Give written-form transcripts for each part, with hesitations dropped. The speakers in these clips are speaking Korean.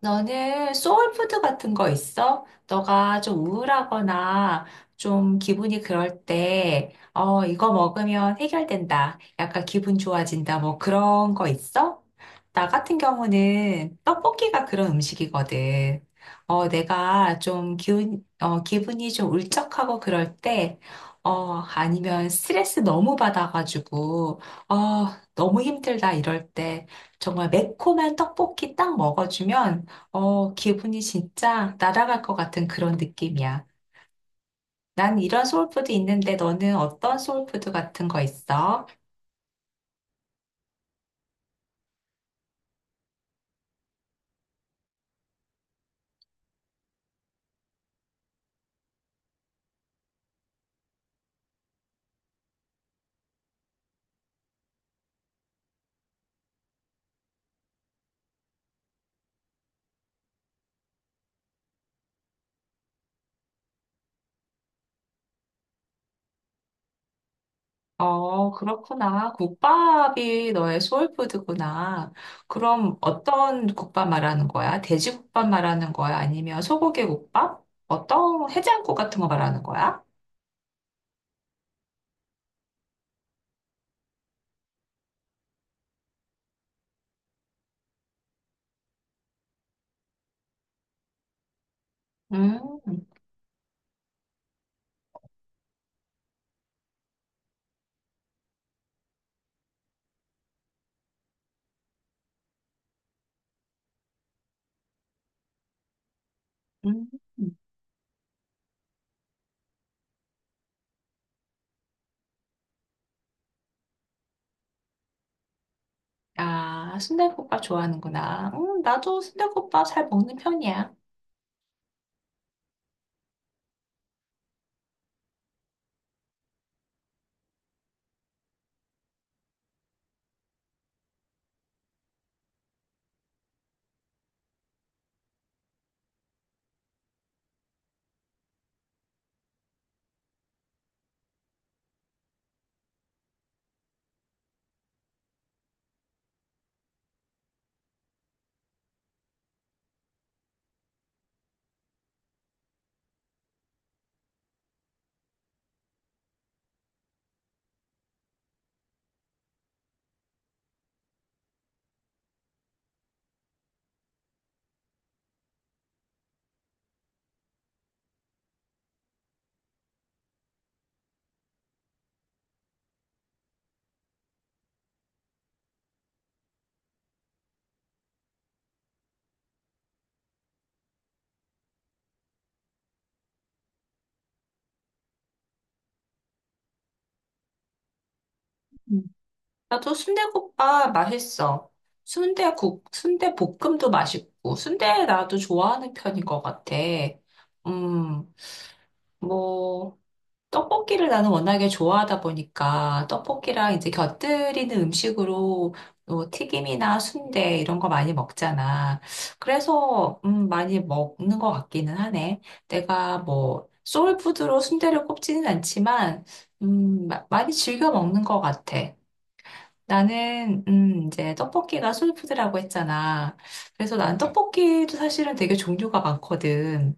너는 소울푸드 같은 거 있어? 너가 좀 우울하거나 좀 기분이 그럴 때, 이거 먹으면 해결된다. 약간 기분 좋아진다. 뭐 그런 거 있어? 나 같은 경우는 떡볶이가 그런 음식이거든. 내가 좀 기분이 좀 울적하고 그럴 때, 아니면 스트레스 너무 받아가지고, 어, 너무 힘들다 이럴 때, 정말 매콤한 떡볶이 딱 먹어주면 기분이 진짜 날아갈 것 같은 그런 느낌이야. 난 이런 소울푸드 있는데 너는 어떤 소울푸드 같은 거 있어? 어, 그렇구나. 국밥이 너의 소울푸드구나. 그럼 어떤 국밥 말하는 거야? 돼지국밥 말하는 거야? 아니면 소고기 국밥? 어떤 해장국 같은 거 말하는 거야? 음, 음. 음. 아, 순대국밥 좋아하는구나. 나도 순대국밥 잘 먹는 편이야. 음. 나도 순대국밥 맛있어. 순대국, 순대볶음도 맛있고, 순대 나도 좋아하는 편인 것 같아. 음, 뭐, 떡볶이를 나는 워낙에 좋아하다 보니까, 떡볶이랑 이제 곁들이는 음식으로 뭐 튀김이나 순대 이런 거 많이 먹잖아. 그래서, 많이 먹는 것 같기는 하네. 내가 뭐, 소울푸드로 순대를 꼽지는 않지만, 많이 즐겨 먹는 것 같아. 나는 이제 떡볶이가 소울푸드라고 했잖아. 그래서 난 맞아. 떡볶이도 사실은 되게 종류가 많거든.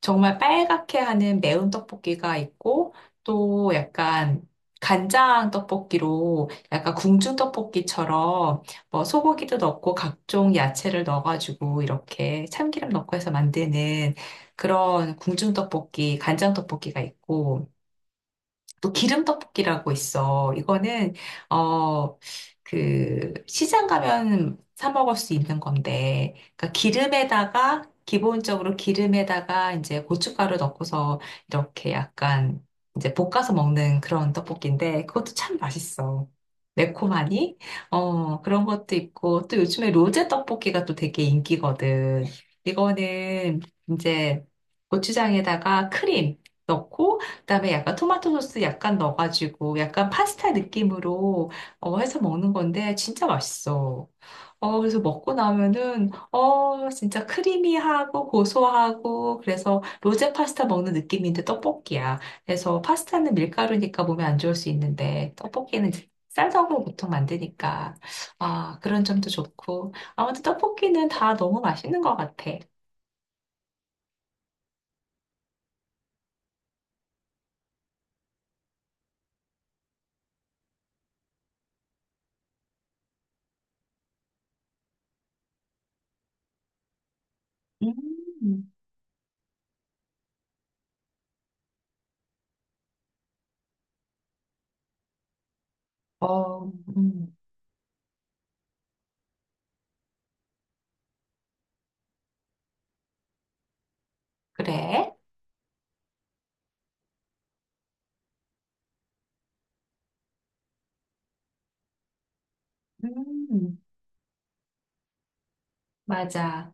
정말 빨갛게 하는 매운 떡볶이가 있고 또 약간 간장 떡볶이로 약간 궁중 떡볶이처럼 뭐 소고기도 넣고 각종 야채를 넣어가지고 이렇게 참기름 넣고 해서 만드는 그런 궁중 떡볶이, 간장 떡볶이가 있고 또 기름 떡볶이라고 있어. 이거는 어 그 시장 가면 사 먹을 수 있는 건데, 그러니까 기름에다가 기본적으로 기름에다가 이제 고춧가루 넣고서 이렇게 약간 이제 볶아서 먹는 그런 떡볶이인데 그것도 참 맛있어. 매콤하니? 그런 것도 있고 또 요즘에 로제 떡볶이가 또 되게 인기거든. 이거는 이제 고추장에다가 크림 넣고 그다음에 약간 토마토 소스 약간 넣어가지고 약간 파스타 느낌으로 해서 먹는 건데 진짜 맛있어. 그래서 먹고 나면은 진짜 크리미하고 고소하고 그래서 로제 파스타 먹는 느낌인데 떡볶이야. 그래서 파스타는 밀가루니까 몸에 안 좋을 수 있는데 떡볶이는 쌀떡으로 보통 만드니까 아, 그런 점도 좋고 아무튼 떡볶이는 다 너무 맛있는 것 같아. 음. 어, 그래? 음. 맞아.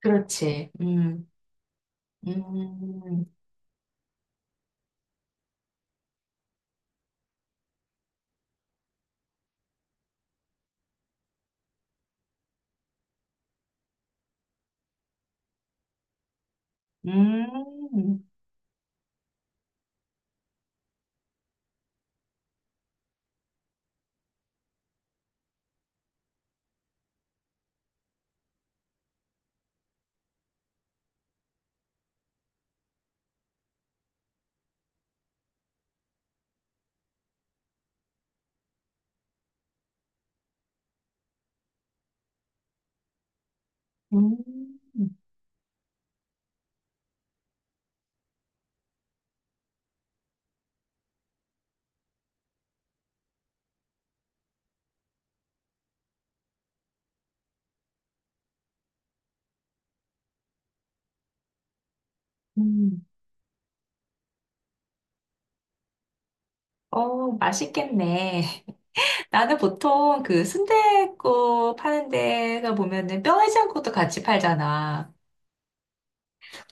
그렇지. 음, 음, 음, 음. 어, 맛있겠네. 나는 보통 그 순댓국 파는 데가 보면은 뼈 해장국도 같이 팔잖아.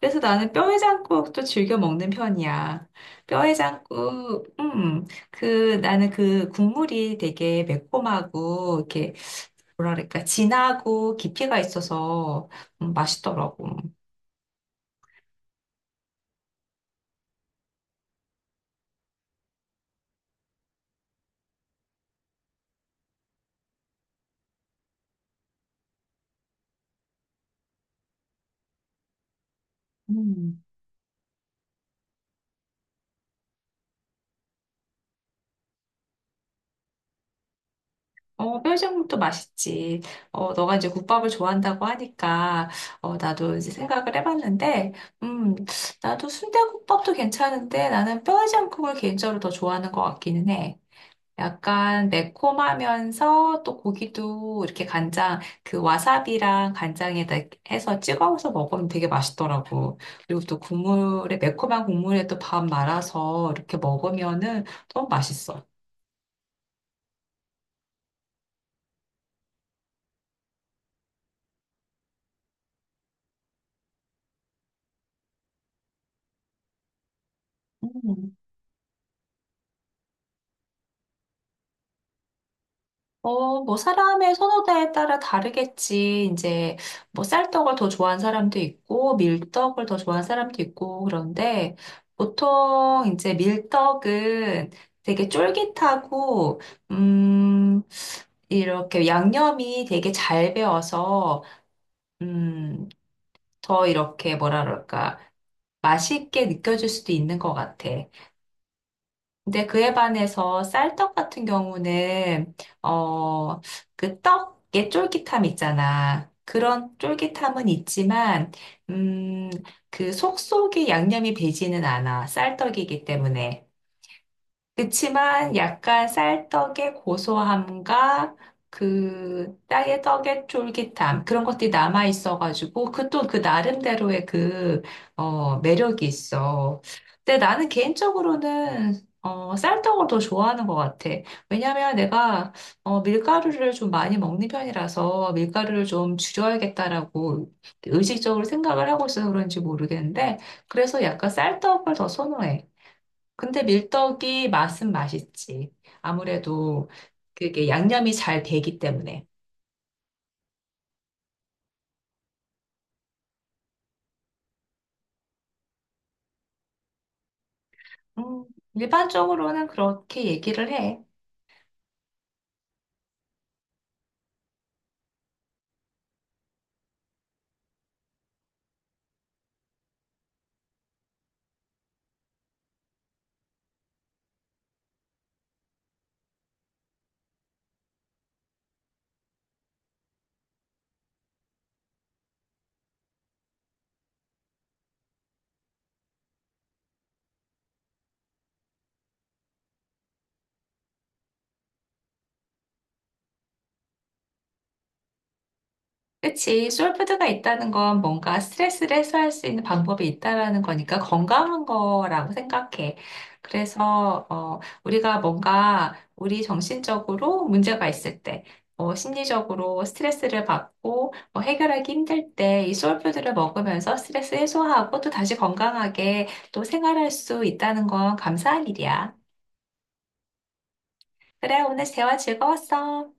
그래서 나는 뼈 해장국도 즐겨 먹는 편이야. 뼈 해장국, 그, 나는 그 국물이 되게 매콤하고, 이렇게, 뭐라 그럴까, 진하고 깊이가 있어서 맛있더라고. 음. 어, 뼈전국도 맛있지. 너가 이제 국밥을 좋아한다고 하니까, 나도 이제 생각을 해봤는데, 음, 나도 순대국밥도 괜찮은데, 나는 뼈전국을 개인적으로 더 좋아하는 것 같기는 해. 약간 매콤하면서 또 고기도 이렇게 간장, 그 와사비랑 간장에다 해서 찍어서 먹으면 되게 맛있더라고. 그리고 또 국물에, 매콤한 국물에 또 밥 말아서 이렇게 먹으면은 너무 맛있어. 음. 뭐, 사람의 선호도에 따라 다르겠지. 이제, 뭐, 쌀떡을 더 좋아하는 사람도 있고, 밀떡을 더 좋아하는 사람도 있고, 그런데, 보통, 이제, 밀떡은 되게 쫄깃하고, 음, 이렇게 양념이 되게 잘 배어서, 음, 더 이렇게, 뭐라 그럴까, 맛있게 느껴질 수도 있는 것 같아. 근데 그에 반해서 쌀떡 같은 경우는 어, 그 떡의 쫄깃함 있잖아. 그런 쫄깃함은 있지만 음, 그 속속에 양념이 배지는 않아. 쌀떡이기 때문에. 그치만 약간 쌀떡의 고소함과 그 땅의 떡의 쫄깃함 그런 것들이 남아 있어가지고 그 또 그 나름대로의 그 매력이 있어. 근데 나는 개인적으로는 쌀떡을 더 좋아하는 것 같아. 왜냐면 내가 밀가루를 좀 많이 먹는 편이라서 밀가루를 좀 줄여야겠다라고 의식적으로 생각을 하고 있어서 그런지 모르겠는데 그래서 약간 쌀떡을 더 선호해. 근데 밀떡이 맛은 맛있지. 아무래도 그게 양념이 잘 되기 때문에. 음, 일반적으로는 그렇게 얘기를 해. 그치. 솔푸드가 있다는 건 뭔가 스트레스를 해소할 수 있는 방법이 있다라는 거니까 건강한 거라고 생각해. 그래서, 우리가 뭔가 우리 정신적으로 문제가 있을 때, 심리적으로 스트레스를 받고 뭐 해결하기 힘들 때 이 솔푸드를 먹으면서 스트레스 해소하고 또 다시 건강하게 또 생활할 수 있다는 건 감사한 일이야. 그래, 오늘 대화 즐거웠어.